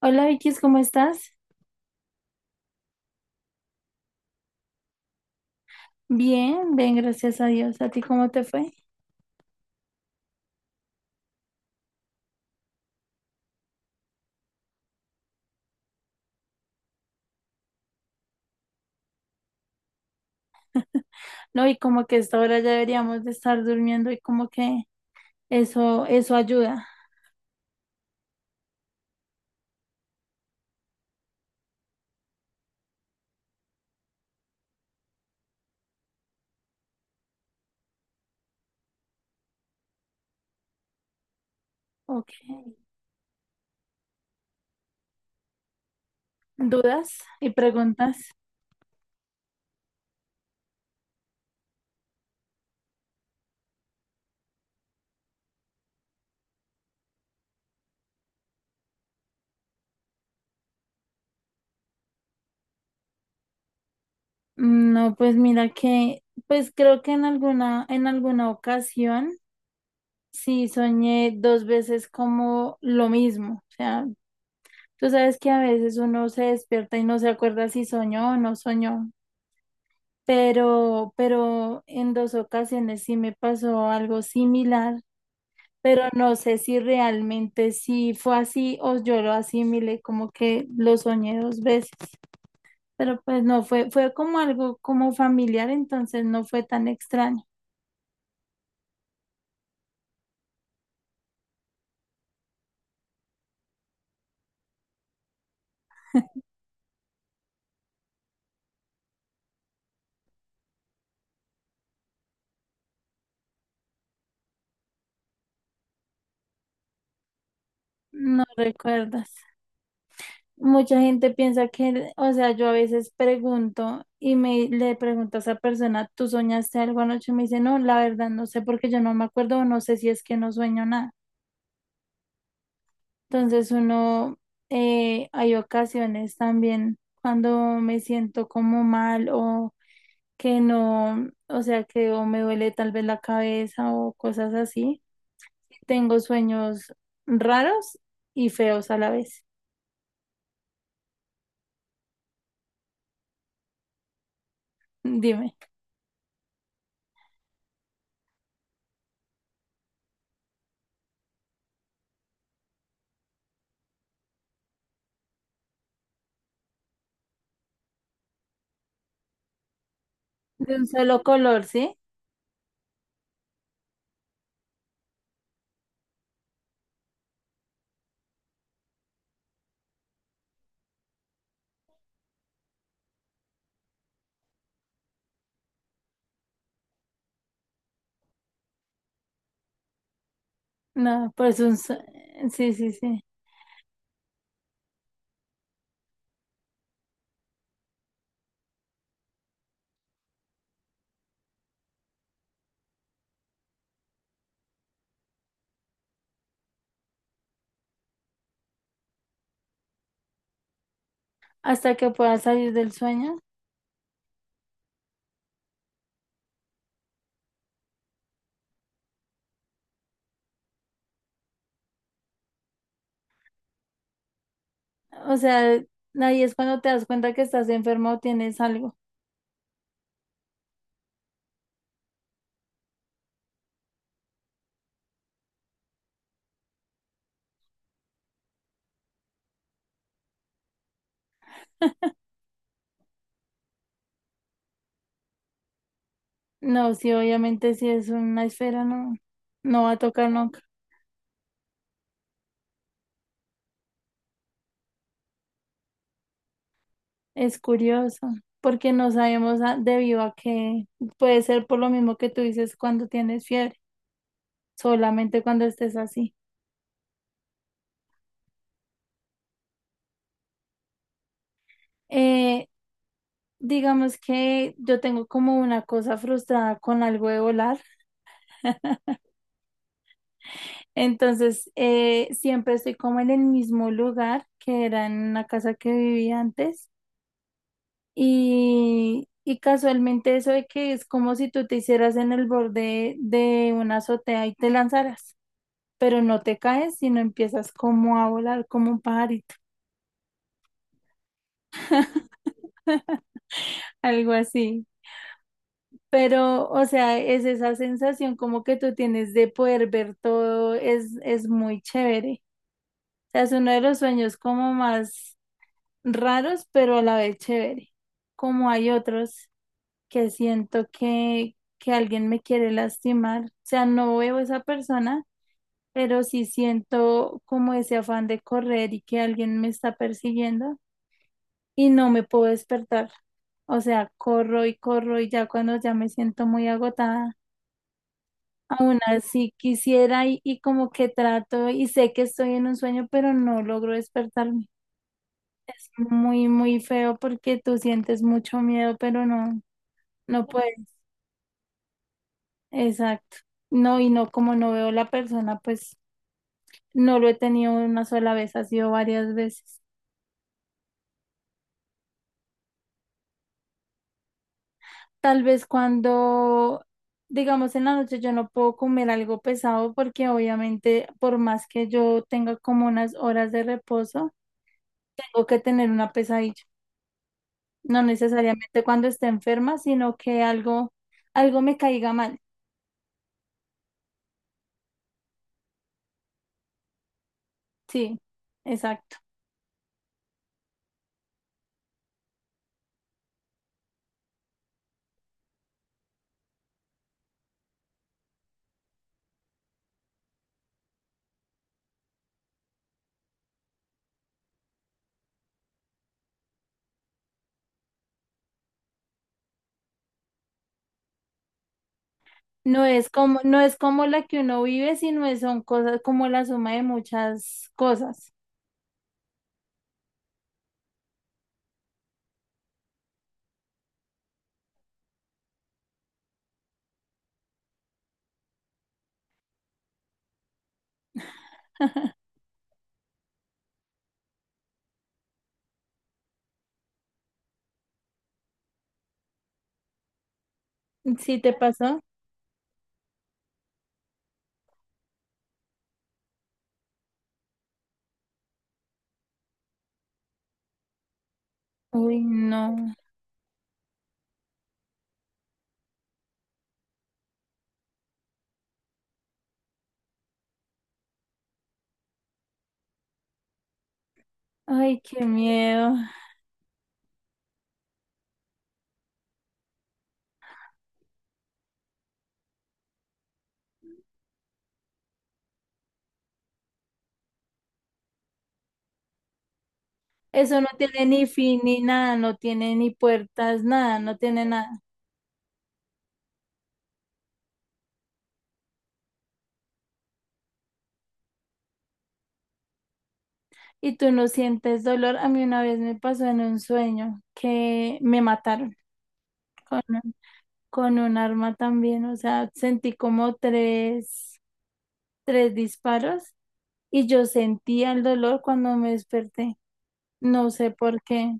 Hola Vicky, ¿cómo estás? Bien, bien, gracias a Dios. ¿A ti cómo te fue? No, y como que a esta hora ya deberíamos de estar durmiendo y como que eso ayuda. Ok. ¿Dudas y preguntas? Mm, no, pues mira que, pues creo que en alguna ocasión sí soñé dos veces como lo mismo. O sea, tú sabes que a veces uno se despierta y no se acuerda si soñó o no soñó. Pero en dos ocasiones sí me pasó algo similar, pero no sé si realmente sí fue así o yo lo asimilé como que lo soñé dos veces, pero pues no fue, fue como algo como familiar, entonces no fue tan extraño, no recuerdas. Mucha gente piensa que, o sea, yo a veces pregunto y me le pregunto a esa persona, ¿tú soñaste algo anoche? Y me dice, no, la verdad no sé porque yo no me acuerdo, o no sé si es que no sueño nada. Entonces uno, hay ocasiones también cuando me siento como mal o que no, o sea, que o me duele tal vez la cabeza o cosas así. Tengo sueños raros y feos a la vez. Dime, de un solo color, ¿sí? No, pues un, sí, sí, sí. Hasta que puedas salir del sueño. O sea, ahí es cuando te das cuenta que estás enfermo o tienes algo. No, sí, obviamente si es una esfera no, no va a tocar nunca. Es curioso, porque no sabemos debido a que puede ser por lo mismo que tú dices cuando tienes fiebre, solamente cuando estés así. Eh, digamos que yo tengo como una cosa frustrada con algo de volar, entonces siempre estoy como en el mismo lugar que era en una casa que vivía antes. Y casualmente eso de que es como si tú te hicieras en el borde de una azotea y te lanzaras, pero no te caes, sino empiezas como a volar como un pajarito, algo así. Pero, o sea, es esa sensación como que tú tienes de poder ver todo, es muy chévere. O sea, es uno de los sueños como más raros, pero a la vez chévere, como hay otros. Que siento que alguien me quiere lastimar. O sea, no veo a esa persona, pero sí siento como ese afán de correr y que alguien me está persiguiendo y no me puedo despertar. O sea, corro y corro y ya cuando ya me siento muy agotada, aún así quisiera y como que trato y sé que estoy en un sueño, pero no logro despertarme. Muy, muy feo porque tú sientes mucho miedo, pero no, no puedes. Exacto. No, y no, como no veo la persona, pues no lo he tenido una sola vez, ha sido varias veces. Tal vez cuando, digamos, en la noche yo no puedo comer algo pesado porque obviamente por más que yo tenga como unas horas de reposo, tengo que tener una pesadilla. No necesariamente cuando esté enferma, sino que algo, algo me caiga mal. Sí, exacto. No es como, no es como la que uno vive, sino son cosas como la suma de muchas cosas. ¿Sí te pasó? Uy, no. Ay, qué miedo. Eso no tiene ni fin ni nada, no tiene ni puertas, nada, no tiene nada. Y tú no sientes dolor. A mí una vez me pasó en un sueño que me mataron con, con un arma también. O sea, sentí como tres disparos y yo sentía el dolor cuando me desperté. No sé por qué.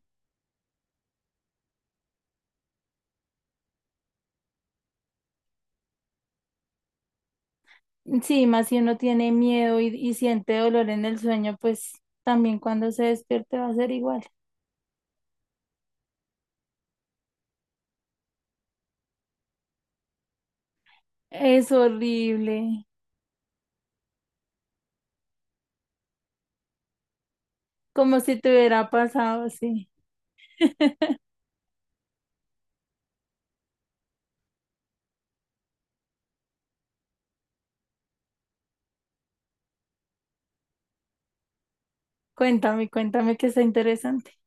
Sí, más si uno tiene miedo y siente dolor en el sueño, pues también cuando se despierte va a ser igual. Es horrible, como si te hubiera pasado así. Cuéntame, cuéntame que está interesante.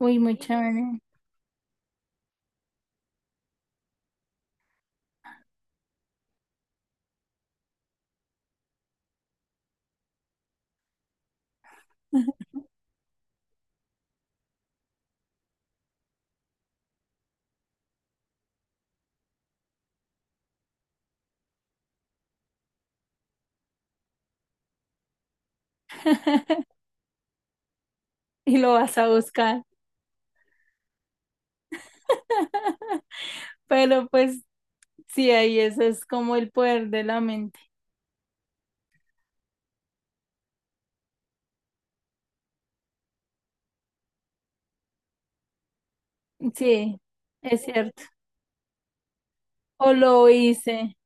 Uy, muy sí, chévere. Y lo vas a buscar. Pero pues sí, ahí eso es como el poder de la mente. Sí, es cierto. O lo hice.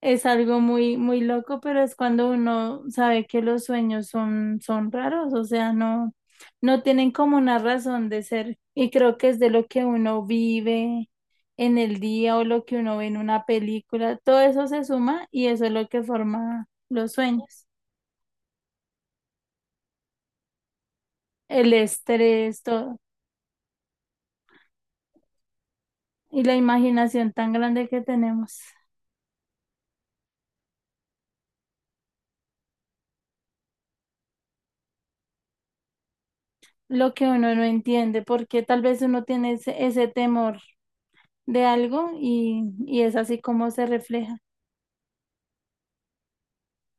Es algo muy, muy loco, pero es cuando uno sabe que los sueños son, son raros, o sea, no, no tienen como una razón de ser. Y creo que es de lo que uno vive en el día o lo que uno ve en una película. Todo eso se suma y eso es lo que forma los sueños, el estrés, todo, y la imaginación tan grande que tenemos, lo que uno no entiende, porque tal vez uno tiene ese, ese temor de algo y es así como se refleja.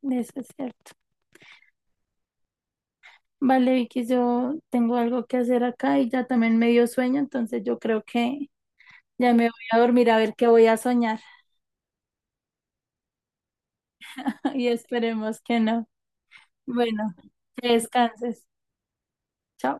Eso es cierto. Vale, Vicky, yo tengo algo que hacer acá y ya también me dio sueño, entonces yo creo que ya me voy a dormir a ver qué voy a soñar. Y esperemos que no. Bueno, que descanses. Chao.